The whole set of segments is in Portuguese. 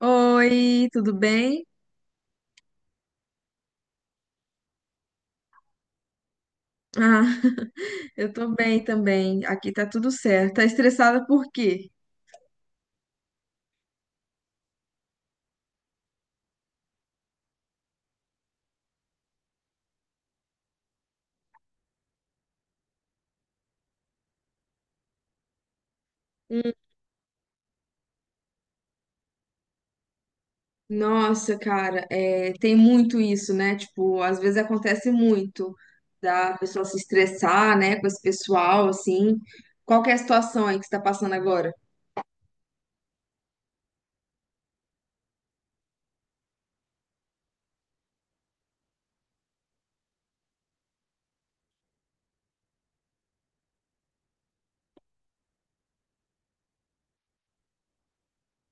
Oi, tudo bem? Ah, eu tô bem também. Aqui tá tudo certo. Tá estressada por quê? Hum, Nossa, cara, é, tem muito isso, né? Tipo, às vezes acontece muito da pessoa se estressar, né, com esse pessoal, assim. Qual que é a situação aí que você tá passando agora?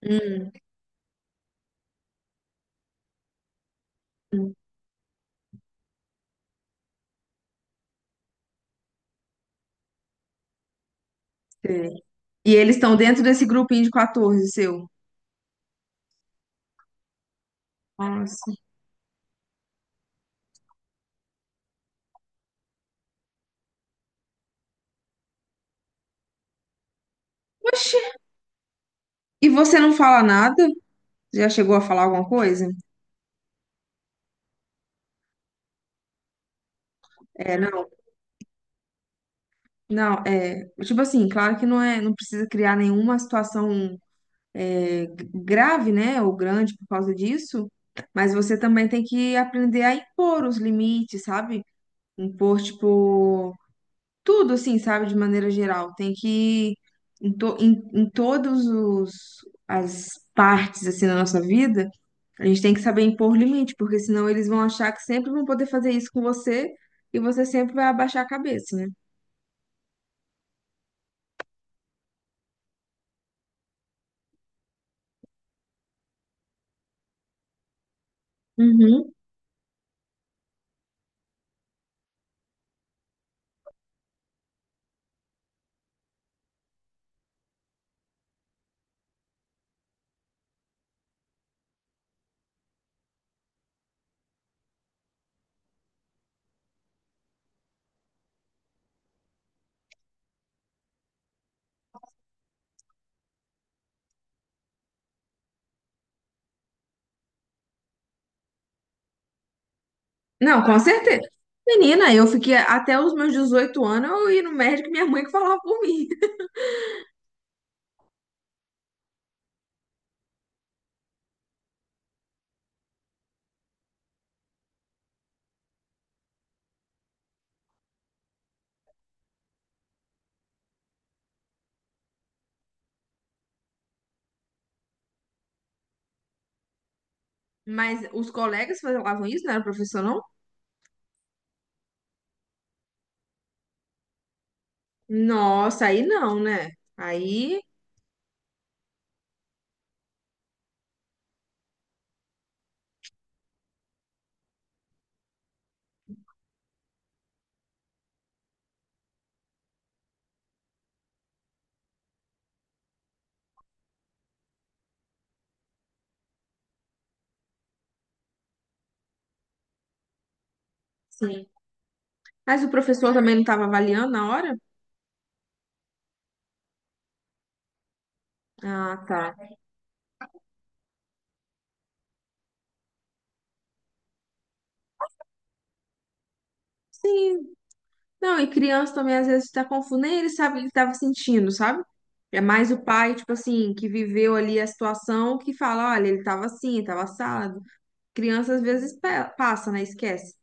Hum, hum, sei. E eles estão dentro desse grupinho de 14, seu? Nossa. Oxi, e você não fala nada? Já chegou a falar alguma coisa? É, não. Não, é, tipo assim, claro que não é, não precisa criar nenhuma situação é, grave, né, ou grande por causa disso, mas você também tem que aprender a impor os limites, sabe? Impor, tipo, tudo assim, sabe, de maneira geral. Tem que, em todos os, as partes, assim, da nossa vida, a gente tem que saber impor limite, porque senão eles vão achar que sempre vão poder fazer isso com você e você sempre vai abaixar a cabeça, né? Não, com certeza. Menina, eu fiquei até os meus 18 anos, eu ia no médico e minha mãe que falava por mim. Mas os colegas falavam isso, não era o professor, não? Nossa, aí não, né? Aí, sim. Mas o professor também não estava avaliando na hora? Ah, tá. Sim. Não, e criança também às vezes está confuso, nem ele sabe o que ele estava sentindo, sabe? É mais o pai, tipo assim, que viveu ali a situação, que fala, olha, ele estava assim, estava assado. Criança às vezes passa, né? Esquece.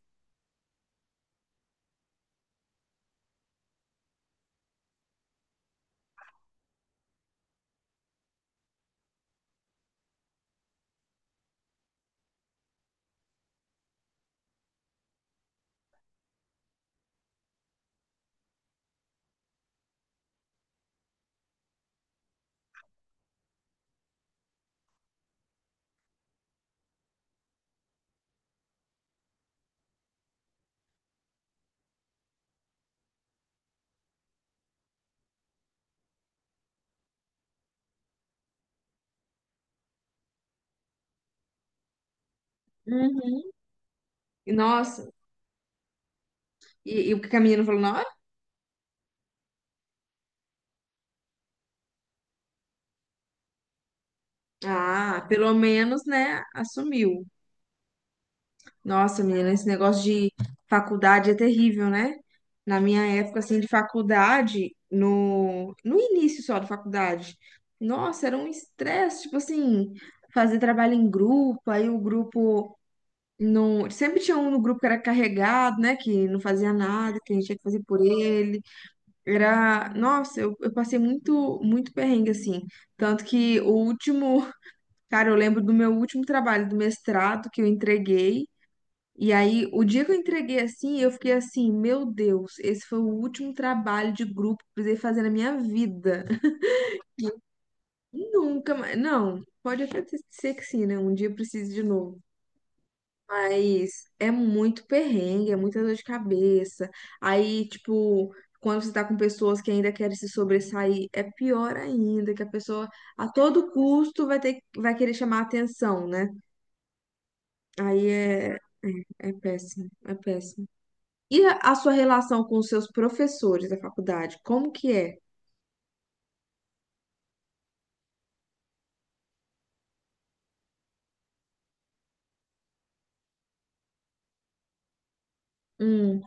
Uhum. E, Nossa, e o que a menina falou na hora? Ah, pelo menos, né, assumiu. Nossa, menina, esse negócio de faculdade é terrível, né? Na minha época, assim, de faculdade, no início só da faculdade, nossa, era um estresse, tipo assim, fazer trabalho em grupo, aí o grupo não... Sempre tinha um no grupo que era carregado, né, que não fazia nada, que a gente tinha que fazer por ele. Era... Nossa, eu passei muito, muito perrengue, assim. Tanto que o último Cara, eu lembro do meu último trabalho do mestrado que eu entreguei. E aí, o dia que eu entreguei assim, eu fiquei assim, meu Deus, esse foi o último trabalho de grupo que eu precisei fazer na minha vida. Nunca mais. Não, pode até ser que sim, né? Um dia eu precise de novo. Mas é muito perrengue, é muita dor de cabeça. Aí, tipo, quando você tá com pessoas que ainda querem se sobressair, é pior ainda, que a pessoa a todo custo vai ter, vai querer chamar a atenção, né? Aí é é péssimo, é péssimo. E a sua relação com os seus professores da faculdade, como que é? Hum,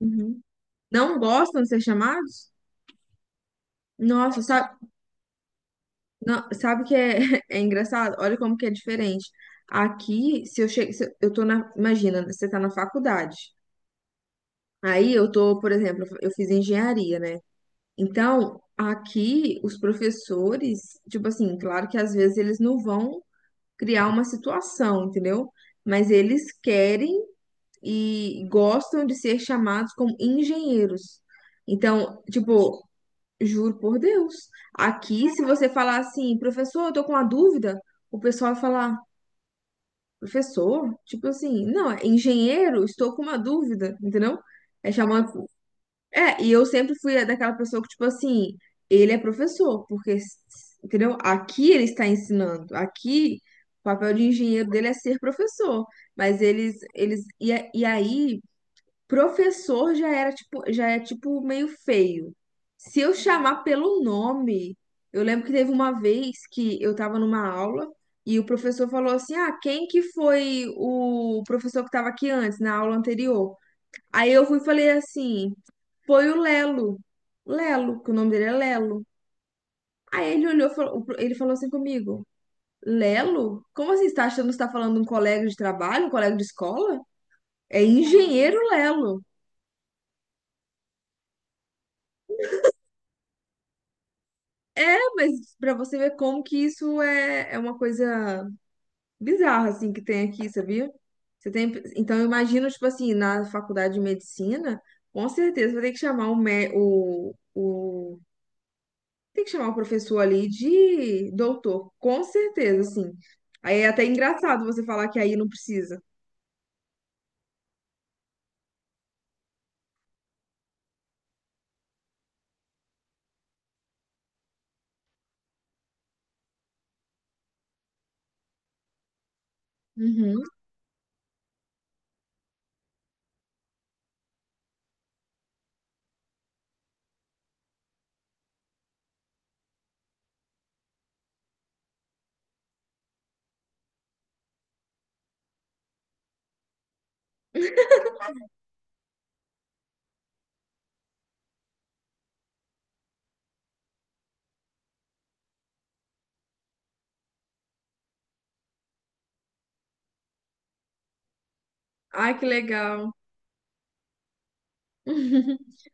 uhum. Não gostam de ser chamados? Nossa, sabe, sabe que é, é engraçado? Olha como que é diferente. Aqui, se eu chego, se eu tô na, imagina, você tá na faculdade. Aí eu tô, por exemplo, eu fiz engenharia, né? Então, aqui os professores, tipo assim, claro que às vezes eles não vão criar uma situação, entendeu? Mas eles querem e gostam de ser chamados como engenheiros. Então, tipo, juro por Deus, aqui se você falar assim, professor, eu tô com uma dúvida, o pessoal vai falar, professor, tipo assim, não, é engenheiro, estou com uma dúvida, entendeu? É chamando. É, e eu sempre fui daquela pessoa que, tipo assim, ele é professor, porque, entendeu? Aqui ele está ensinando, aqui o papel de engenheiro dele é ser professor. Mas e, e aí professor já era tipo, já é tipo meio feio. Se eu chamar pelo nome, eu lembro que teve uma vez que eu tava numa aula e o professor falou assim: "Ah, quem que foi o professor que tava aqui antes, na aula anterior?". Aí eu fui e falei assim: "Foi o Lelo". Lelo, que o nome dele é Lelo. Aí ele olhou, e ele falou assim comigo: "Lelo? Como assim? Você tá achando que você tá falando de um colega de trabalho, um colega de escola? É engenheiro Lelo". É, mas pra você ver como que isso é, é uma coisa bizarra, assim, que tem aqui, sabia? Você tem, então, eu imagino, tipo assim, na faculdade de medicina, com certeza vai ter que chamar o, tem que chamar o professor ali de doutor, com certeza, assim. Aí é até engraçado você falar que aí não precisa. Uhum. Ai, que legal.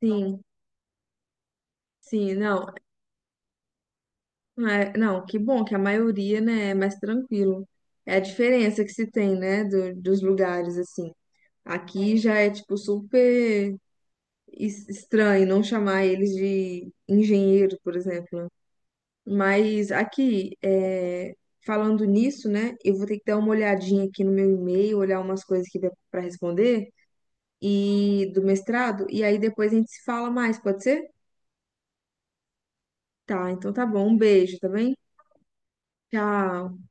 Sim, sim, não. É, não, que bom que a maioria, né, é mais tranquilo. É a diferença que se tem, né, dos lugares, assim. Aqui já é, tipo, super estranho não chamar eles de engenheiro, por exemplo. Né? Mas aqui, é, falando nisso, né, eu vou ter que dar uma olhadinha aqui no meu e-mail, olhar umas coisas que dá para responder e do mestrado, e aí depois a gente se fala mais, pode ser? Tá, então tá bom. Um beijo, tá bem? Tchau.